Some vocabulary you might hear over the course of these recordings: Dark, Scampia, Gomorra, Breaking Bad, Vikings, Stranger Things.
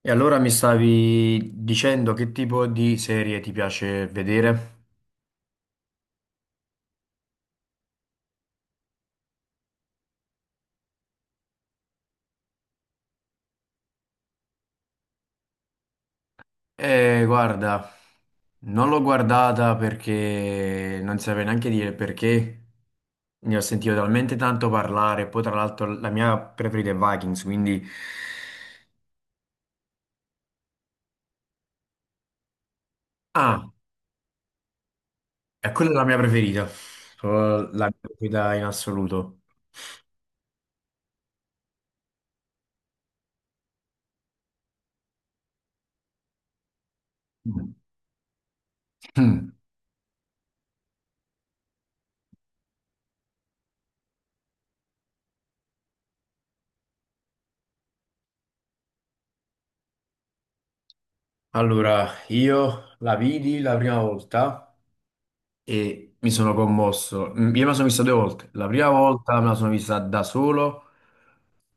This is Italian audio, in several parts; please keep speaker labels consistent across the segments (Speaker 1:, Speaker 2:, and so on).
Speaker 1: E allora mi stavi dicendo che tipo di serie ti piace vedere? Guarda, non l'ho guardata perché non saprei neanche dire perché. Ne ho sentito talmente tanto parlare. Poi, tra l'altro, la mia preferita è Vikings, quindi. Ah, è la mia preferita. Proprio la mia preferita in assoluto. Mm. Allora, io la vidi la prima volta e mi sono commosso. Io me la sono vista due volte. La prima volta me la sono vista da solo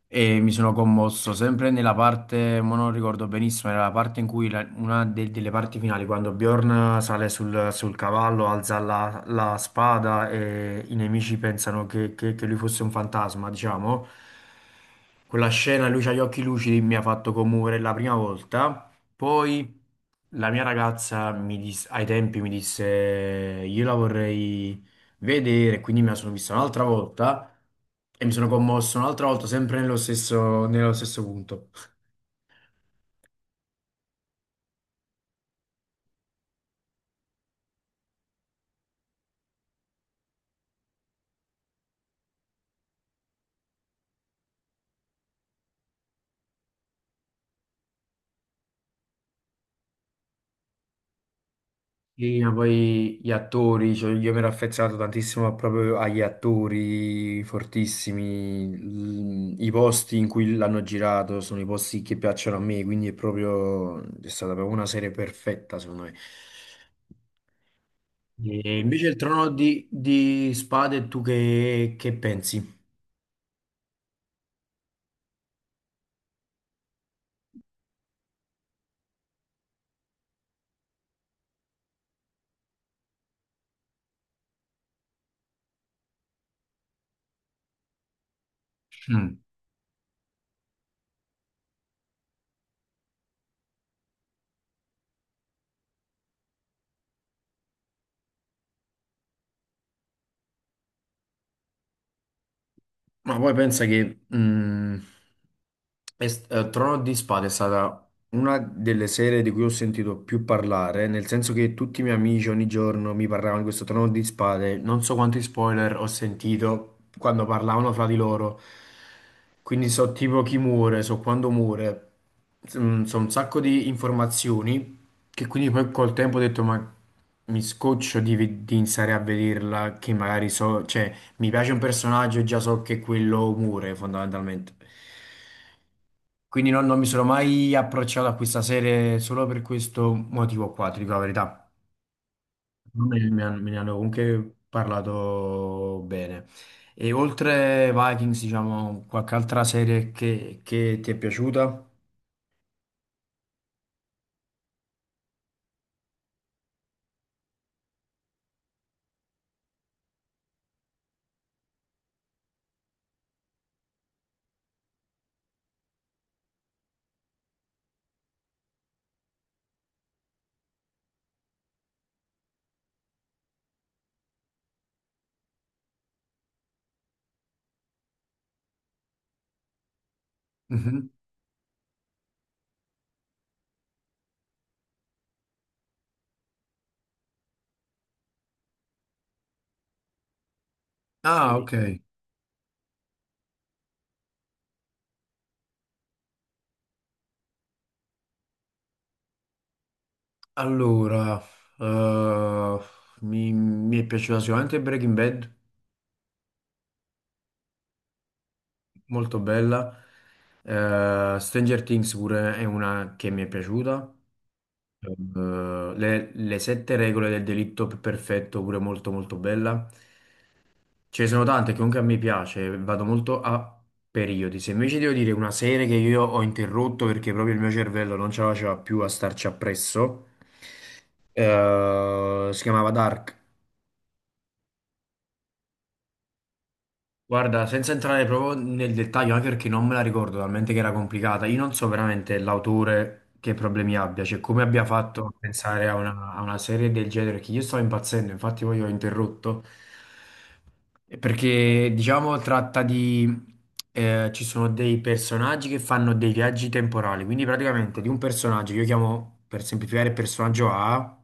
Speaker 1: e mi sono commosso sempre nella parte, ma non ricordo benissimo, era la parte in cui delle parti finali, quando Bjorn sale sul cavallo, alza la spada e i nemici pensano che lui fosse un fantasma, diciamo. Quella scena, lui ha gli occhi lucidi, mi ha fatto commuovere la prima volta. Poi la mia ragazza ai tempi mi disse io la vorrei vedere, quindi me la sono vista un'altra volta e mi sono commosso un'altra volta sempre nello stesso punto. E poi gli attori, cioè, io mi ero affezionato tantissimo proprio agli attori fortissimi, i posti in cui l'hanno girato sono i posti che piacciono a me, quindi è stata proprio una serie perfetta secondo me. E invece il Trono di Spade, tu che pensi? Mm. Ma poi pensa che Trono di Spade è stata una delle serie di cui ho sentito più parlare, nel senso che tutti i miei amici ogni giorno mi parlavano di questo Trono di Spade, non so quanti spoiler ho sentito quando parlavano fra di loro, quindi so tipo chi muore, so quando muore, so un sacco di informazioni che quindi poi col tempo ho detto ma mi scoccio di iniziare a vederla, che magari so, cioè. Mi piace un personaggio e già so che quello muore fondamentalmente. Quindi non mi sono mai approcciato a questa serie solo per questo motivo qua, ti dico la verità. Me ne hanno comunque parlato bene. E oltre Vikings, diciamo, qualche altra serie che ti è piaciuta? Mhm. Ah, ok. Allora, eh, mi è piaciuta sicuramente Breaking Bad. Molto bella. Stranger Things pure è una che mi è piaciuta. Le sette regole del delitto perfetto pure molto molto bella. Ce ne sono tante che comunque a me piace, vado molto a periodi. Se invece devo dire una serie che io ho interrotto perché proprio il mio cervello non ce la faceva più a starci appresso, si chiamava Dark. Guarda, senza entrare proprio nel dettaglio, anche perché non me la ricordo talmente che era complicata, io non so veramente l'autore che problemi abbia, cioè come abbia fatto a pensare a una serie del genere, che io stavo impazzendo, infatti poi ho interrotto, perché diciamo tratta di. Ci sono dei personaggi che fanno dei viaggi temporali, quindi praticamente di un personaggio, che io chiamo per semplificare personaggio A,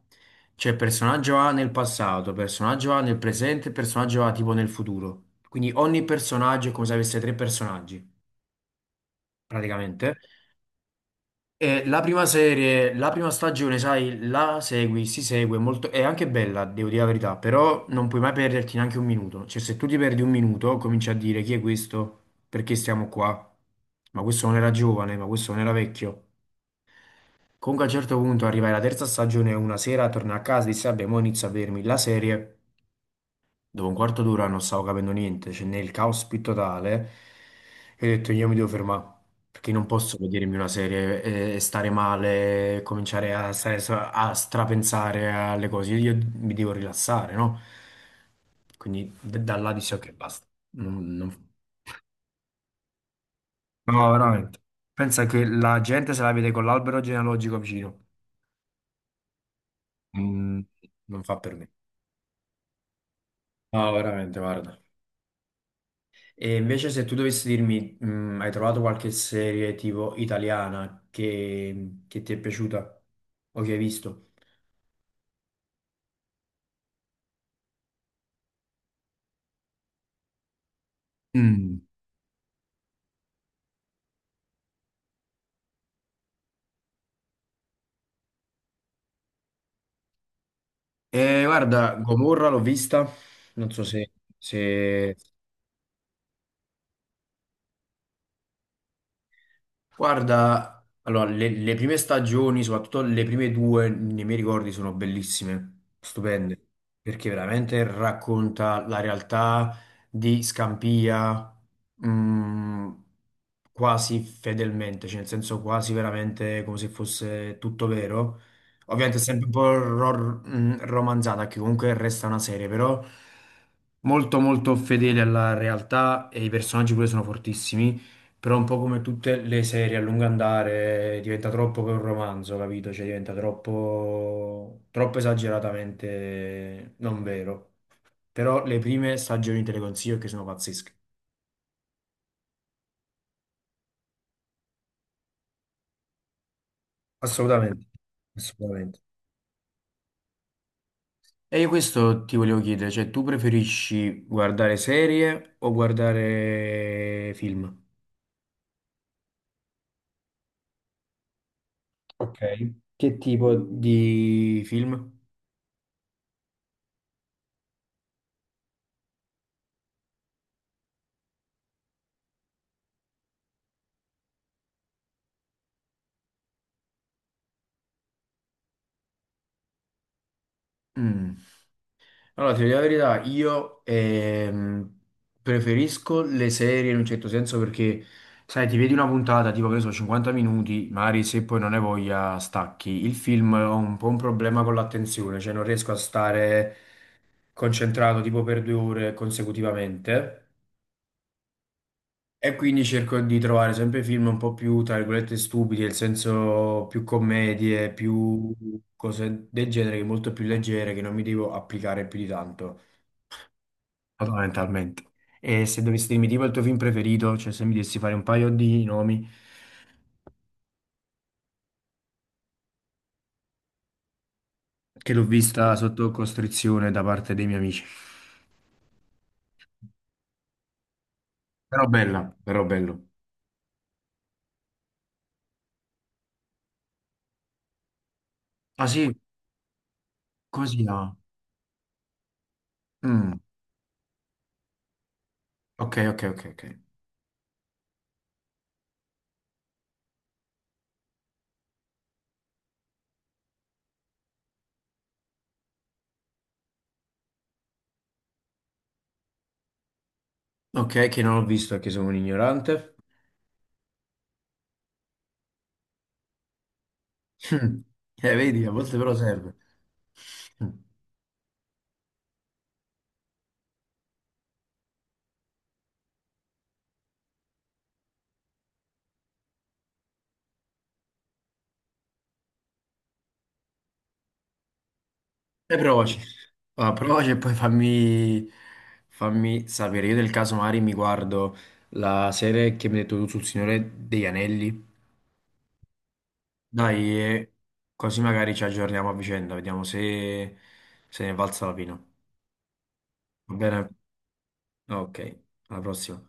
Speaker 1: cioè, personaggio A nel passato, personaggio A nel presente, personaggio A tipo nel futuro. Quindi ogni personaggio è come se avesse tre personaggi, praticamente. E la prima serie, la prima stagione, sai, la segui, si segue molto, è anche bella, devo dire la verità, però non puoi mai perderti neanche un minuto. Cioè, se tu ti perdi un minuto, cominci a dire chi è questo, perché stiamo qua, ma questo non era giovane, ma questo non era vecchio. Comunque a un certo punto arrivai alla terza stagione, una sera torno a casa e dissi, vabbè, mo inizio a vedermi la serie. Dopo un quarto d'ora non stavo capendo niente, c'è nel caos più totale, e ho detto io mi devo fermare, perché non posso vedermi una serie e stare male, e cominciare a strapensare alle cose, io mi devo rilassare, no? Quindi da là dissi ok, basta. Non- non- No, veramente. Pensa che la gente se la vede con l'albero genealogico vicino. Mm, non fa per me. No, veramente, guarda. E invece se tu dovessi dirmi, hai trovato qualche serie tipo italiana che ti è piaciuta o che hai visto? Mm. Guarda, Gomorra l'ho vista, non so se. Guarda, allora, le prime stagioni, soprattutto le prime due, nei miei ricordi sono bellissime, stupende, perché veramente racconta la realtà di Scampia, mh, quasi fedelmente, cioè nel senso quasi veramente come se fosse tutto vero. Ovviamente è sempre un po' romanzata, che comunque resta una serie, però molto molto fedele alla realtà e i personaggi pure sono fortissimi. Però un po' come tutte le serie a lungo andare diventa troppo che un romanzo, capito? Cioè diventa troppo, troppo esageratamente non vero. Però le prime stagioni te le consiglio che sono pazzesche. Assolutamente, assolutamente. E io questo ti volevo chiedere, cioè tu preferisci guardare serie o guardare film? Ok. Che tipo di film? Mm. Allora, ti dico la verità, io preferisco le serie in un certo senso perché, sai, ti vedi una puntata, tipo, che ne so, 50 minuti, magari se poi non hai voglia stacchi. Il film ho un po' un problema con l'attenzione, cioè non riesco a stare concentrato tipo per 2 ore consecutivamente e quindi cerco di trovare sempre film un po' più, tra virgolette, stupidi, nel senso più commedie, più cose del genere, molto più leggere, che non mi devo applicare più di tanto. Fondamentalmente. E se dovessi dirmi tipo il tuo film preferito, cioè se mi dessi fare un paio di nomi, che l'ho vista sotto costrizione da parte dei miei amici. Però bella, però bello. Ah sì, così no. Mm, ok, ok, ok, ok. Ok, che non ho visto, che sono un ignorante. Mm. Vedi, a volte però serve. Mm. E provaci. Ah, provaci e poi fammi sapere. Io del caso Mari mi guardo la serie che mi hai detto tu sul Signore degli Anelli. Dai, così magari ci aggiorniamo a vicenda, vediamo se ne è valsa la pena. Va bene? Ok, alla prossima.